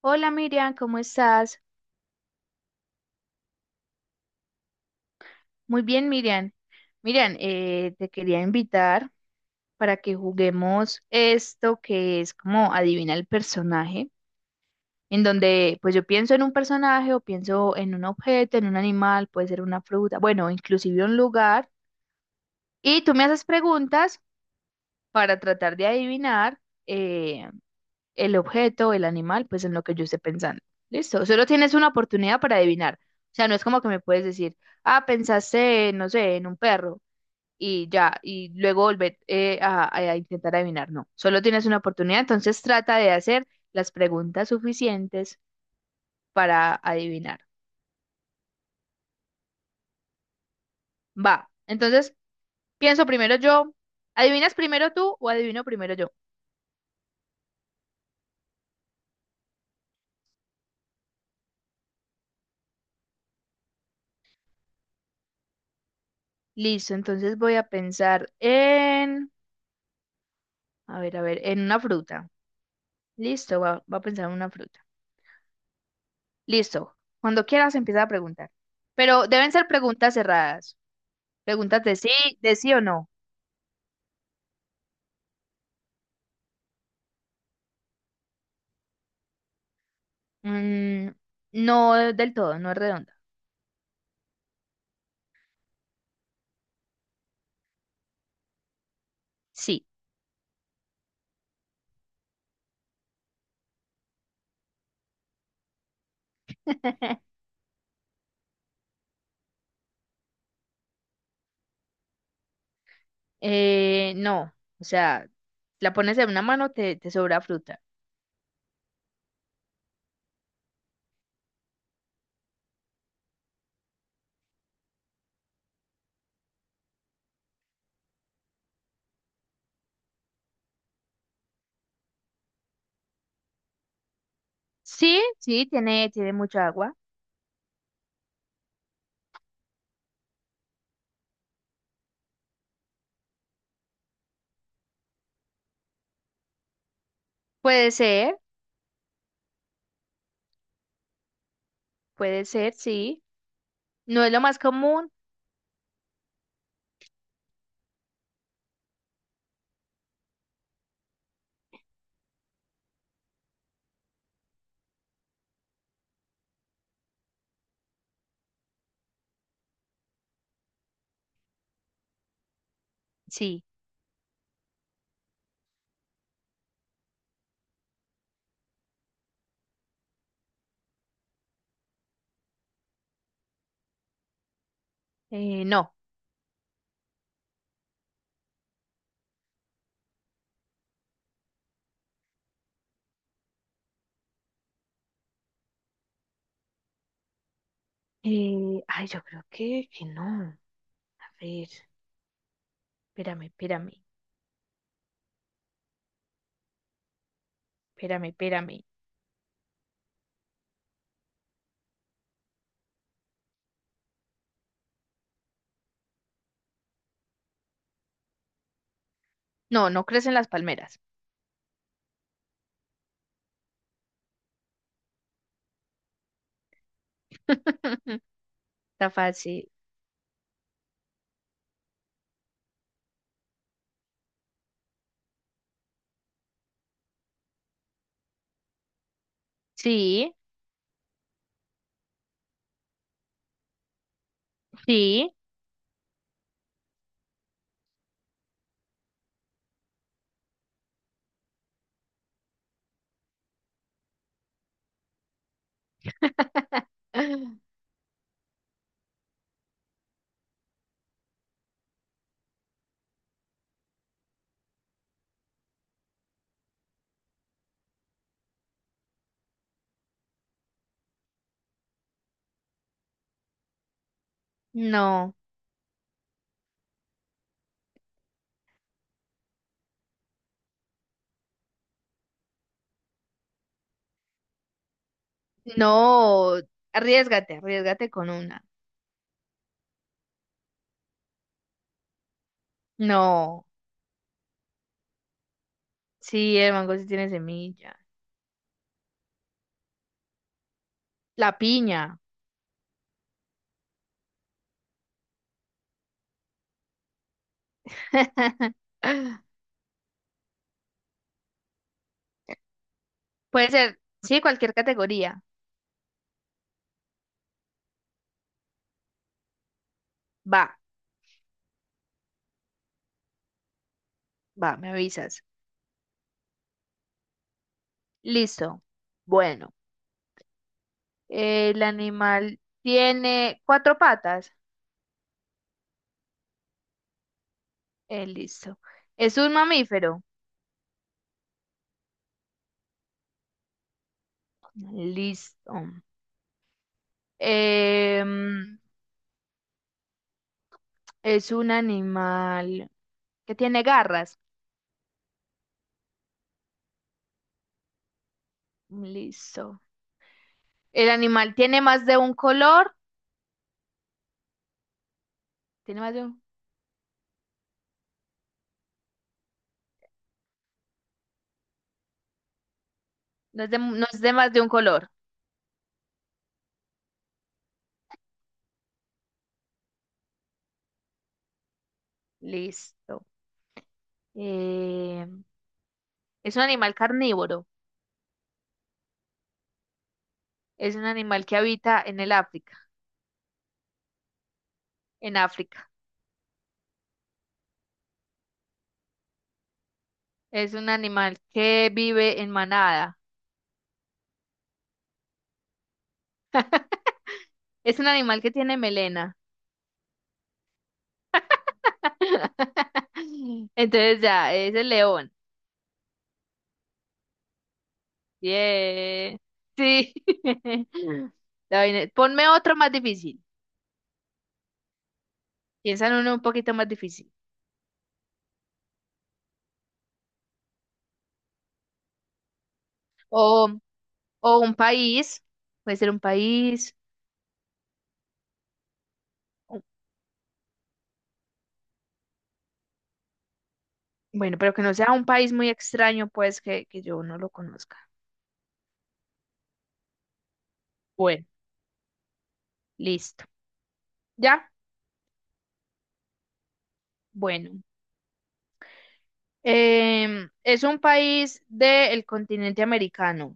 Hola, Miriam, ¿cómo estás? Muy bien, Miriam. Miriam, te quería invitar para que juguemos esto que es como adivina el personaje, en donde pues yo pienso en un personaje o pienso en un objeto, en un animal, puede ser una fruta, bueno, inclusive un lugar, y tú me haces preguntas para tratar de adivinar eh, el objeto, el animal, pues en lo que yo esté pensando. Listo, solo tienes una oportunidad para adivinar. O sea, no es como que me puedes decir, ah, pensaste, no sé, en un perro y ya, y luego volver a intentar adivinar. No, solo tienes una oportunidad, entonces trata de hacer las preguntas suficientes para adivinar. Va, entonces pienso primero yo. ¿Adivinas primero tú o adivino primero yo? Listo, entonces voy a pensar en, a ver, en una fruta. Listo, va, va a pensar en una fruta. Listo. Cuando quieras empieza a preguntar. Pero deben ser preguntas cerradas. Preguntas de sí o no. Mm, no del todo, no es redonda. Sí. No. O sea, la pones en una mano, te sobra fruta. Sí, sí, tiene, tiene mucha agua. Puede ser, puede ser, sí. No es lo más común, sí. No. Ay, yo creo que no. A ver, espérame, espérame, espérame, espérame. No, no crecen las palmeras. Está fácil. Sí, sí. No, no. Arriesgate, arriesgate con una. No. Sí, el mango sí tiene semilla. La piña. Puede ser, sí, cualquier categoría. Va, va, me avisas. Listo. Bueno, el animal tiene cuatro patas. Listo. Es un mamífero. Listo. Em, es un animal que tiene garras. Listo. El animal tiene más de un color. Tiene más de un... No es de, no es de más de un color. Listo. Eh, es un animal carnívoro. Es un animal que habita en el África. En África. Es un animal que vive en manada. Es un animal que tiene melena. Entonces ya, es el león. Yeah. Sí. La vaina es- Ponme otro más difícil. Piensa en uno un poquito más difícil. O, o un país. Puede ser un país. O, bueno, pero que no sea un país muy extraño, pues que yo no lo conozca. Bueno, listo. ¿Ya? Bueno. Es un país del continente americano.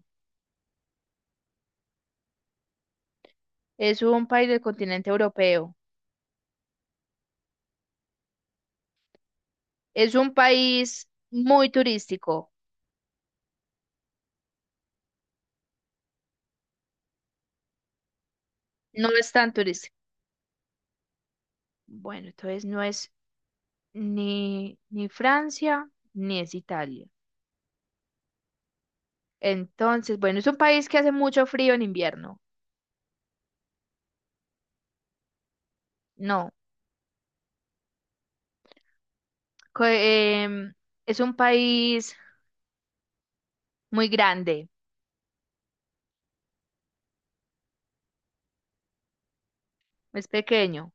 Es un país del continente europeo. Es un país muy turístico. No es tan turístico. Bueno, entonces no es ni ni Francia, ni es Italia. Entonces, bueno, es un país que hace mucho frío en invierno. No, co- es un país muy grande, es pequeño.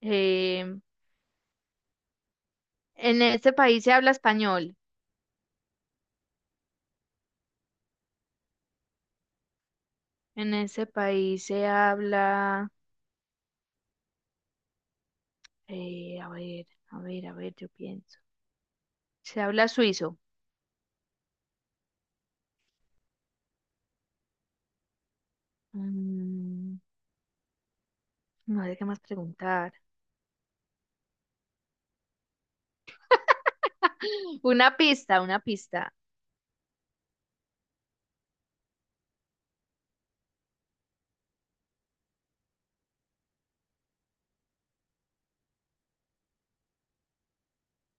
Em, en este país se habla español. En este país se habla, a ver, a ver, a ver, yo pienso. Se habla suizo. Mm, no sé qué más preguntar. Una pista, una pista.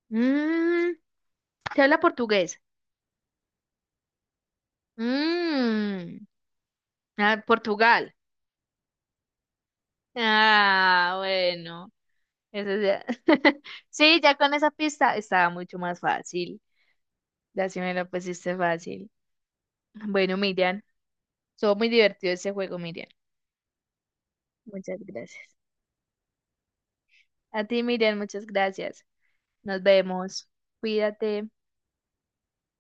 Mm, se habla portugués. Mm, ah, Portugal. Ah, bueno. Eso ya. Sí, ya con esa pista estaba mucho más fácil. Ya sí me lo pusiste fácil. Bueno, Miriam, estuvo muy divertido ese juego, Miriam. Muchas gracias. A ti, Miriam, muchas gracias. Nos vemos. Cuídate.